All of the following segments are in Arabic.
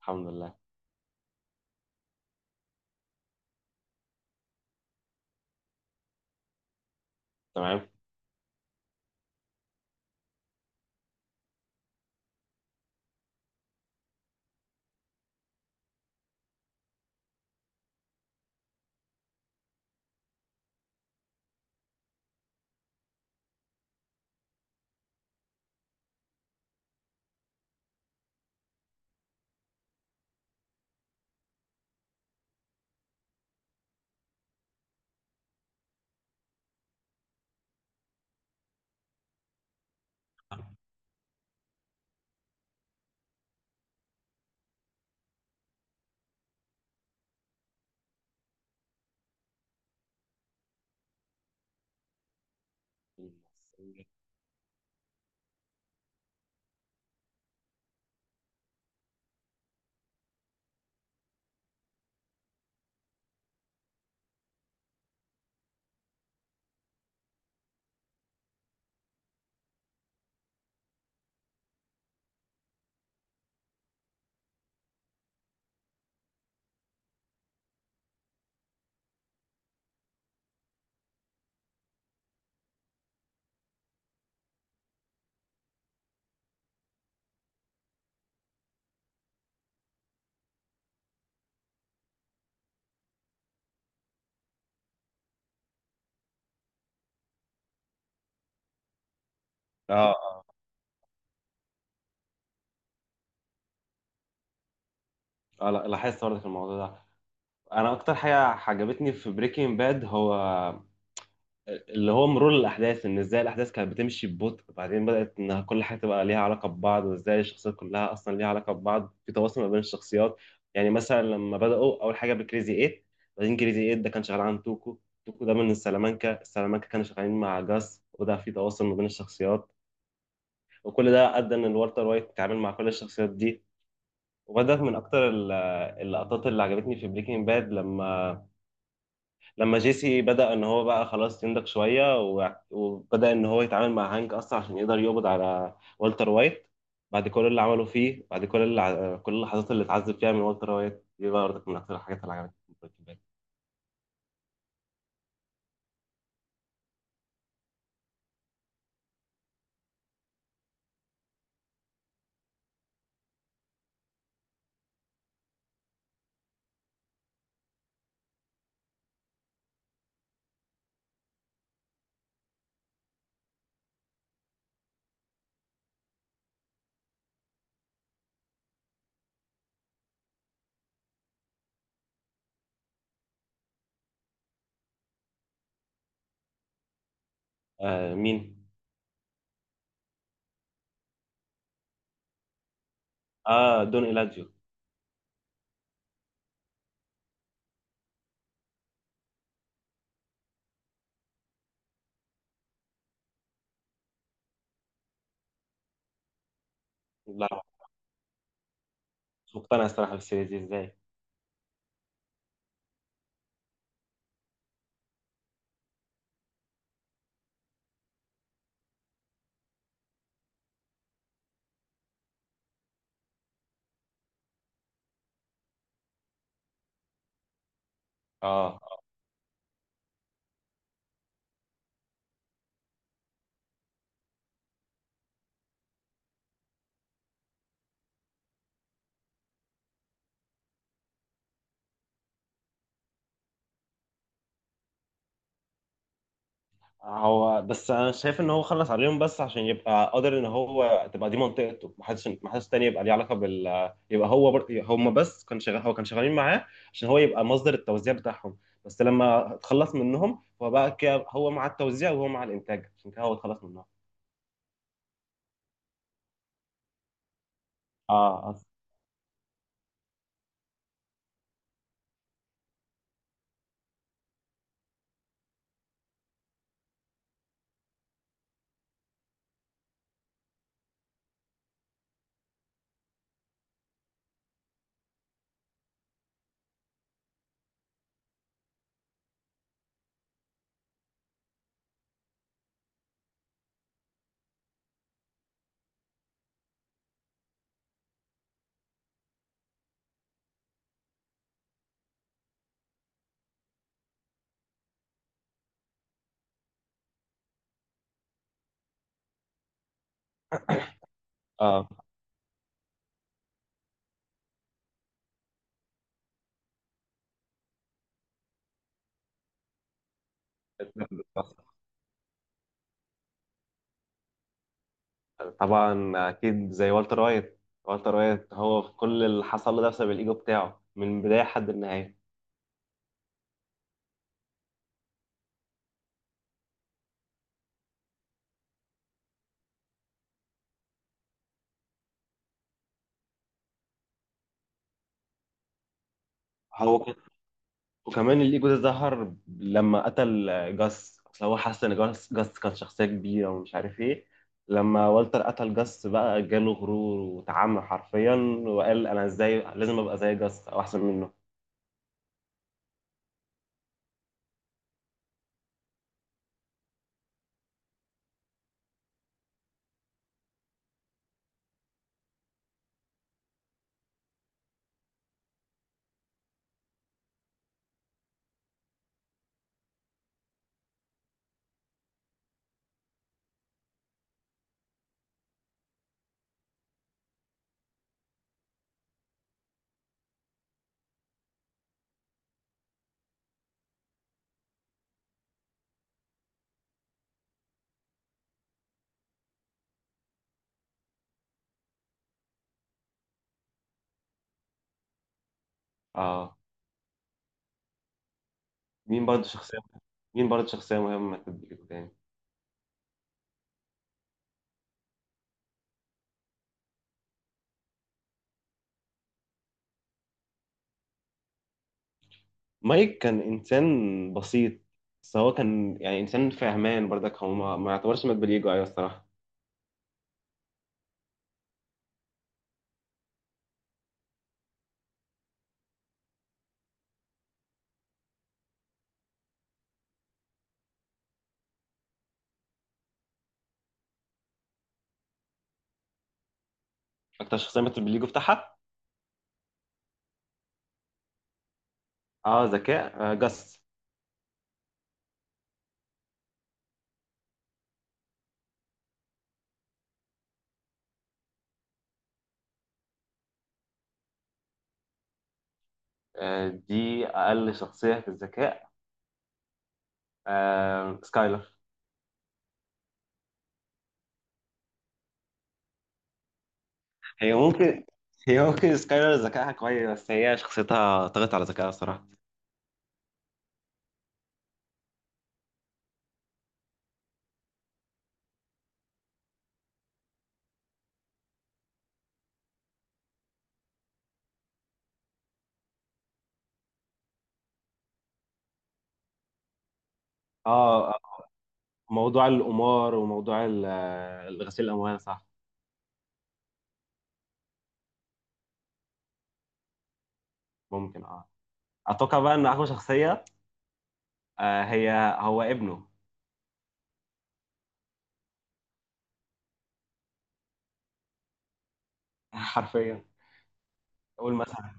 الحمد لله. تمام. اه اه اه. لا، لاحظت برضك الموضوع ده. انا اكتر حاجه عجبتني في بريكنج باد هو اللي هو مرور الاحداث، ان ازاي الاحداث كانت بتمشي ببطء، بعدين بدات انها كل حاجه تبقى ليها علاقه ببعض، وازاي الشخصيات كلها اصلا ليها علاقه ببعض في تواصل ما بين الشخصيات. يعني مثلا لما بداوا اول حاجه بكريزي 8، بعدين كريزي 8 ده كان شغال عن توكو، توكو ده من سلامانكا، سلامانكا كانوا شغالين مع جاس، وده في تواصل ما بين الشخصيات. وكل ده ادى ان الوالتر وايت اتعامل مع كل الشخصيات دي. وبدأت من أكتر اللقطات اللي عجبتني في بريكنج باد، لما جيسي بدأ إن هو بقى خلاص ينضج شوية وبدأ إن هو يتعامل مع هانك أصلا عشان يقدر يقبض على والتر وايت بعد كل اللي عمله فيه، بعد كل كل اللحظات اللي اتعذب فيها من والتر وايت. دي برضك من أكتر الحاجات اللي عجبتني في بريكنج باد. آه مين؟ آه دون إيلاديو. لا، مش مقتنع الصراحة بالسيريز دي، إزاي؟ آه، هو بس انا شايف ان هو خلص عليهم بس عشان يبقى قادر ان هو تبقى دي منطقته، ما حدش تاني يبقى ليه علاقه بال، يبقى هو بر... هم بس كان شغال، هو كان شغالين معاه عشان هو يبقى مصدر التوزيع بتاعهم. بس لما اتخلص منهم، هو بقى كده هو مع التوزيع وهو مع الانتاج، عشان كده هو اتخلص منهم. اه أص- اه طبعا اكيد زي والتر وايت. والتر وايت هو كل اللي حصل له ده بسبب الايجو بتاعه من البدايه لحد النهايه. هو وكمان الايجو ده ظهر لما قتل جاس، اصل هو حس ان جاس كان شخصيه كبيره ومش عارف ايه. لما والتر قتل جاس بقى جاله غرور وتعامل حرفيا، وقال انا ازاي لازم ابقى زي جاس او احسن منه. اه. مين برضه شخصيه مين برضه شخصيه مهمه في الايجو تاني؟ مايك كان انسان بسيط، بس هو كان يعني انسان فهمان برضك، هو ما يعتبرش مات بالايجو، ايوه الصراحه. اكتر شخصيه ماتت بالايجو بتاعها. اه، ذكاء آه جاس. آه، دي اقل شخصيه في الذكاء. آه، سكايلر. هي ممكن، هي ممكن سكايلر ذكائها كويس، بس هي شخصيتها طغت على ذكائها الصراحة. اه، موضوع القمار وموضوع غسيل الأموال، صح. ممكن. اه، أتوقع بقى إن أقوى شخصية آه هي هو ابنه. حرفيا. أقول مثلا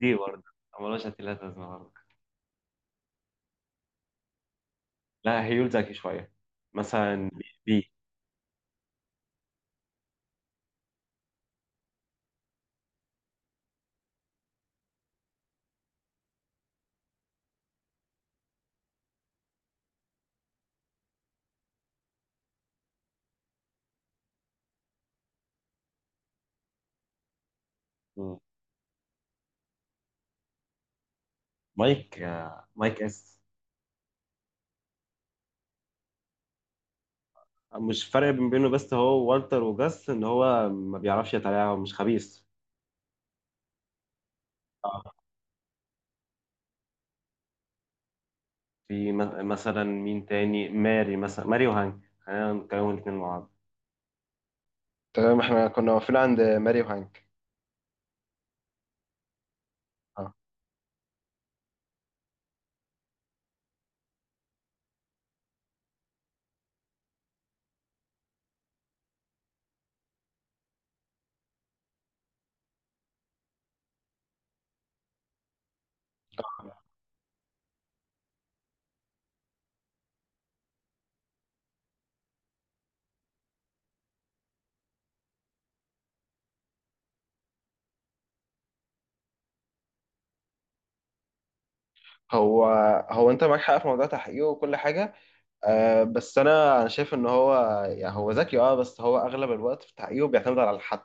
دي برضه ملوش هتلات لازمة برضه. لا، هيول ذكي شوية، مثلا بي. مم. مايك، مايك اس. مش فرق بينه بس هو والتر وجاس، إن هو ما بيعرفش يتابع ومش خبيث. آه. في مثلا مين تاني؟ ماري مثلا، ماري وهانك، خلينا نتكلم الاتنين مع بعض. تمام، احنا كنا واقفين عند ماري وهانك. اه. هو هو انت معاك حق في موضوع تحقيقه وكل حاجه. آه بس انا شايف ان هو يعني هو ذكي اه، بس هو اغلب الوقت في تحقيقه بيعتمد على الحد